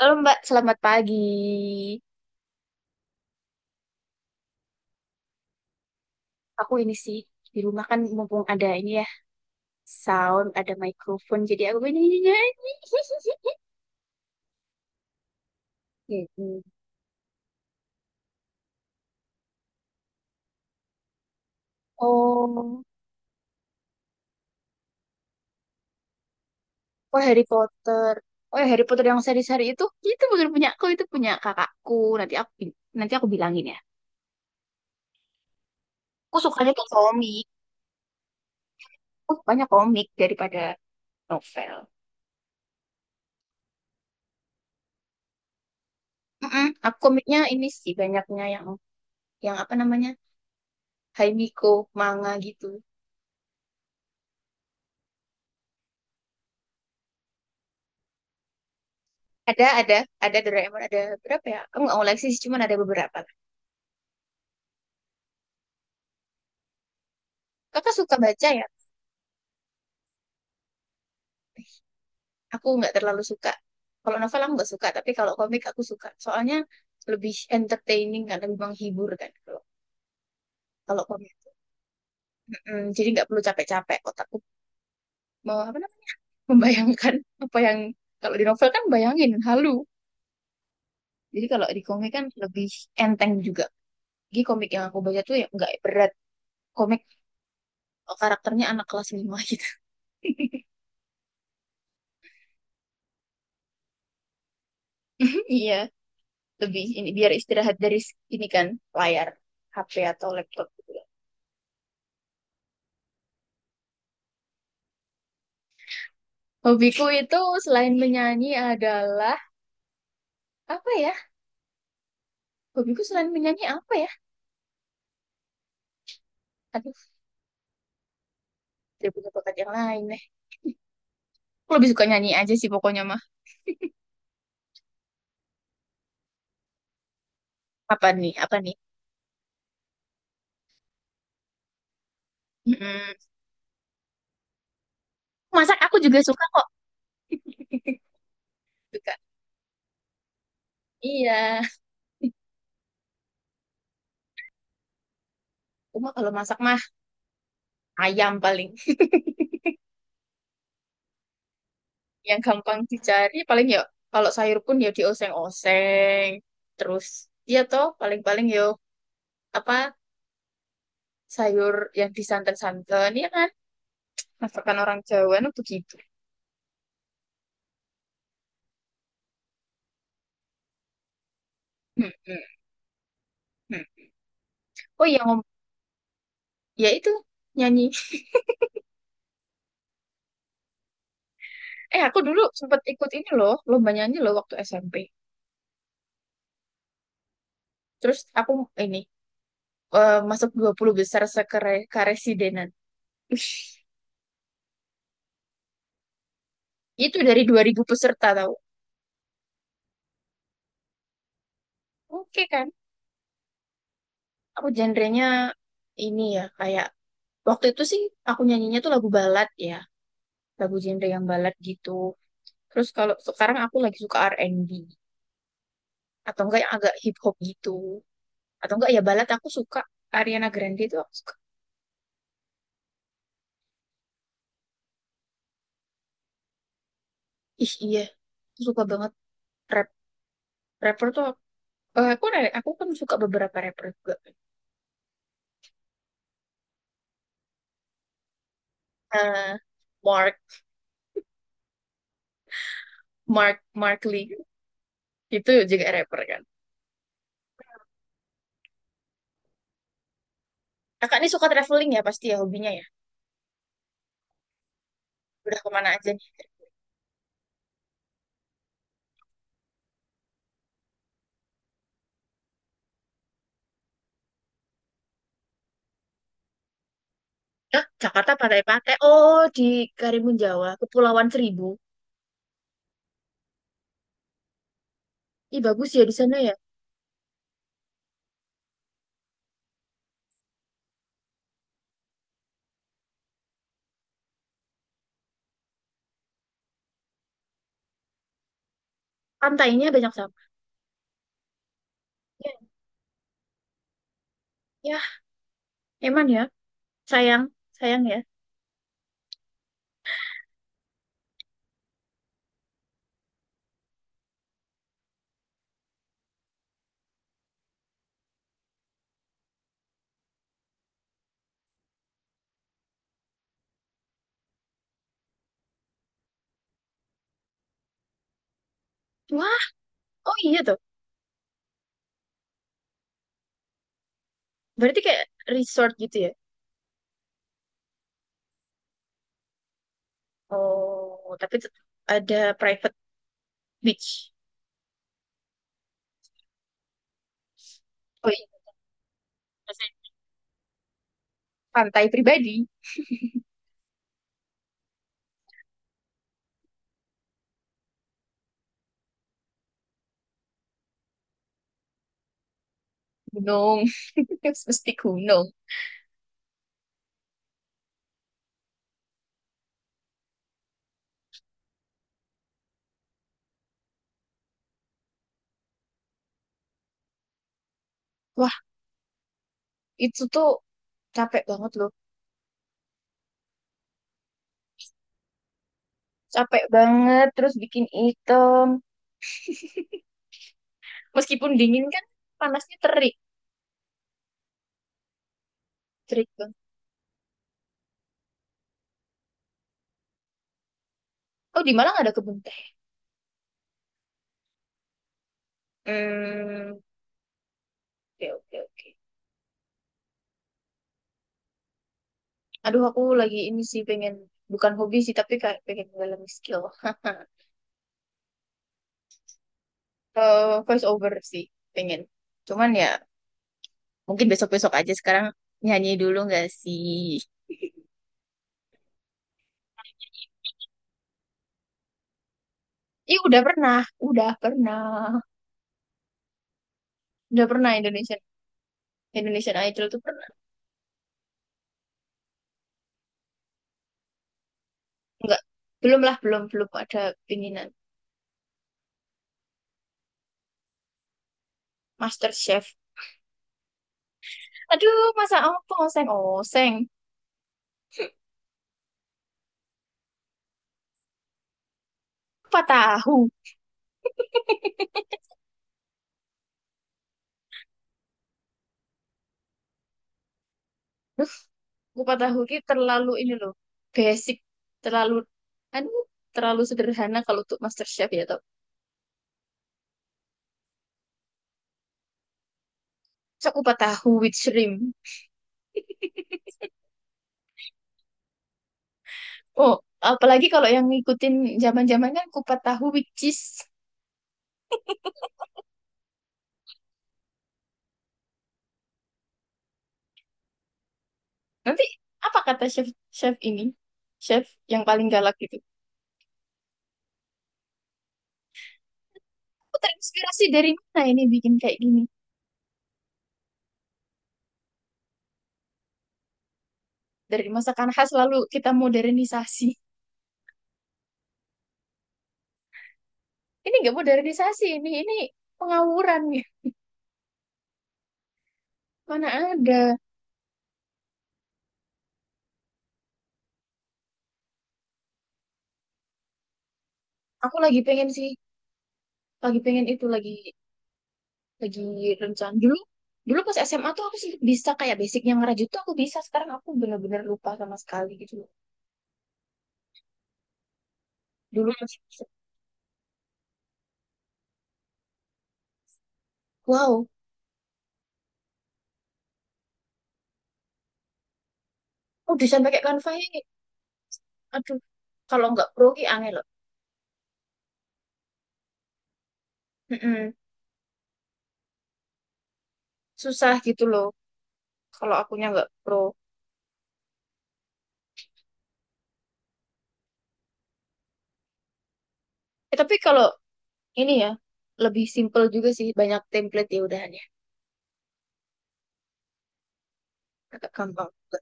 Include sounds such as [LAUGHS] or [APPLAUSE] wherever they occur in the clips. Halo Mbak, selamat pagi. Aku ini sih di rumah kan mumpung ada ini ya sound, ada microphone, jadi aku ini nyanyi. [LAUGHS] Gitu. Oh, oh Harry Potter. Oh ya Harry Potter yang seri-seri itu bukan punya aku, itu punya kakakku. Nanti aku bilangin ya. Aku sukanya tuh komik. Aku sukanya komik daripada novel. Mm-mm. Aku komiknya ini sih banyaknya yang apa namanya? Haimiko, manga gitu. Ada, ada, ada Doraemon, ada berapa ya? Aku nggak koleksi sih, cuman ada beberapa lah. Kakak suka baca ya? Eh, Aku nggak terlalu suka. Kalau novel aku nggak suka, tapi kalau komik aku suka. Soalnya lebih entertaining kan, lebih menghibur kan kalau kalau komik. Mm-mm, jadi nggak perlu capek-capek otakku mau apa namanya [LAUGHS] membayangkan apa yang kalau di novel kan bayangin halu. Jadi kalau di komik kan lebih enteng juga. Jadi komik yang aku baca tuh ya nggak berat. Komik karakternya anak kelas 5 gitu. [LAUGHS] Iya. Lebih ini biar istirahat dari ini kan layar HP atau laptop gitu ya. Hobiku itu selain menyanyi adalah apa ya? Hobiku selain menyanyi apa ya? Aduh, tidak punya bakat yang lain deh. Aku lebih suka nyanyi aja sih pokoknya mah. Apa nih? Apa nih? Mm-mm. Masak aku juga suka kok. Suka. Iya. Cuma kalau masak mah ayam paling. [LAUGHS] Yang gampang dicari paling ya kalau sayur pun ya dioseng-oseng. Terus ya toh paling-paling yo apa sayur yang disanten-santen ya kan, masakan orang Jawa itu begitu. Hmm, hmm, hmm. Oh, ya itu, nyanyi. Aku dulu sempet ikut ini loh lomba nyanyi loh waktu SMP. Terus aku ini masuk 20 besar karesidenan. Ih, itu dari 2.000 peserta tau. Oke kan, aku genrenya ini ya kayak waktu itu sih aku nyanyinya tuh lagu balad ya, lagu genre yang balad gitu. Terus kalau sekarang aku lagi suka R&B atau enggak yang agak hip hop gitu, atau enggak ya balat aku suka. Ariana Grande itu aku suka. Ih iya, aku suka banget rap rapper tuh. Aku kan suka beberapa rapper juga. Eh, Mark Mark Mark Lee itu juga rapper kan. Kakak ini suka traveling ya pasti ya, hobinya ya. Udah kemana aja nih? Hah, Jakarta pantai-pantai. Oh di Karimun Jawa, Kepulauan Seribu. Ih bagus ya di sana ya. Pantainya banyak sampah ya, ya emang ya, sayang sayang ya. Wah, oh iya toh. Berarti kayak resort gitu ya? Oh, ada private beach. Oh iya, maksudnya pantai pribadi. Gunung. [LAUGHS] Mesti gunung. Wah, itu tuh capek banget loh. Capek banget, terus bikin item. Meskipun dingin kan, panasnya terik. Terik banget. Oh, di Malang ada kebun teh. Hmm, oke, oke, oke. Aduh, aku lagi ini sih pengen, bukan hobi sih, tapi kayak pengen mendalami skill. [LAUGHS] Voice over sih, pengen. Cuman ya, mungkin besok-besok aja. Sekarang nyanyi dulu nggak sih? Ih, udah pernah, udah pernah, udah pernah. Indonesian Indonesian Idol tuh pernah. Enggak, belum lah, belum belum ada pinginan. Master Chef. Aduh, masa apa oseng oseng? Kupat tahu. Kupat tahu ini terlalu ini loh, basic, terlalu, aduh, terlalu sederhana kalau untuk Master Chef ya toh. Masa kupat tahu with shrimp. Oh, apalagi kalau yang ngikutin zaman-zaman kan kupat tahu with cheese. Nanti apa kata chef chef ini? Chef yang paling galak gitu. Aku terinspirasi dari mana ini bikin kayak gini? Dari masakan khas lalu kita modernisasi. Ini nggak modernisasi ini pengawuran ya. Mana ada. Aku lagi pengen sih, lagi pengen itu lagi rencana dulu. Dulu pas SMA tuh aku sih bisa, kayak basicnya ngerajut tuh aku bisa. Sekarang aku bener-bener lupa sama sekali gitu loh. Dulu masih bisa. Wow, oh desain pakai Canva ini. Aduh, kalau nggak pro ki aneh loh. Mm-mm. Susah gitu loh kalau akunya nggak pro. Tapi kalau ini ya lebih simple juga sih, banyak template ya udahan ya agak gampang juga.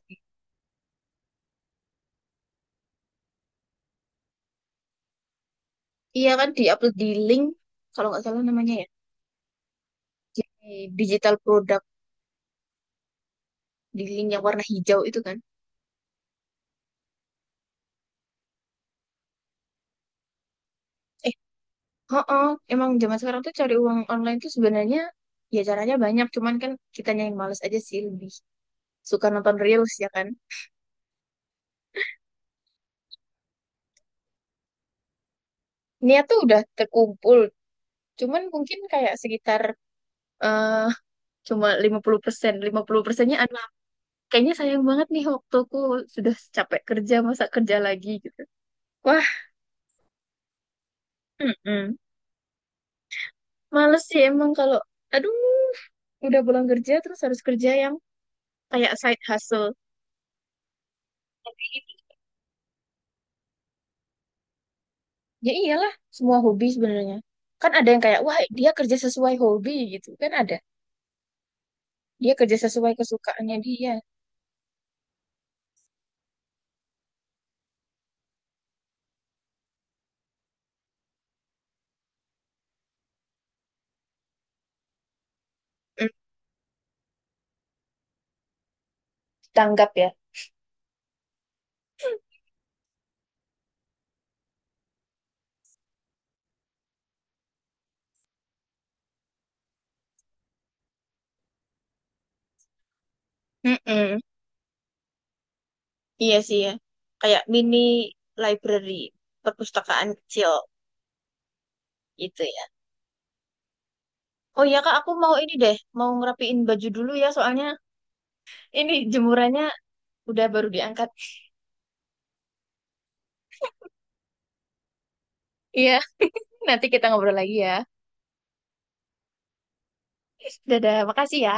Iya kan di-upload di link kalau nggak salah namanya ya, di digital product, di link yang warna hijau itu kan. Eh, oh, emang zaman sekarang tuh cari uang online tuh sebenarnya ya caranya banyak, cuman kan kitanya yang males aja sih, lebih suka nonton reels ya kan. Niat tuh udah terkumpul, cuman mungkin kayak sekitar eh cuma 50%. 50%-nya kayaknya sayang banget nih waktuku, sudah capek kerja masa kerja lagi gitu. Wah, mm-mm. Males sih emang kalau aduh udah pulang kerja terus harus kerja yang kayak side hustle. Ya iyalah, semua hobi sebenarnya. Kan ada yang kayak wah dia kerja sesuai hobi gitu kan ada. Dia kerja sesuai kesukaannya dia. Mm, tanggap ya. Mm-mm. Iya sih ya. Kayak mini library, perpustakaan kecil gitu ya. Oh iya Kak, aku mau ini deh, mau ngerapiin baju dulu ya soalnya ini jemurannya udah baru diangkat. Iya, nanti kita ngobrol lagi ya. Dadah, makasih ya.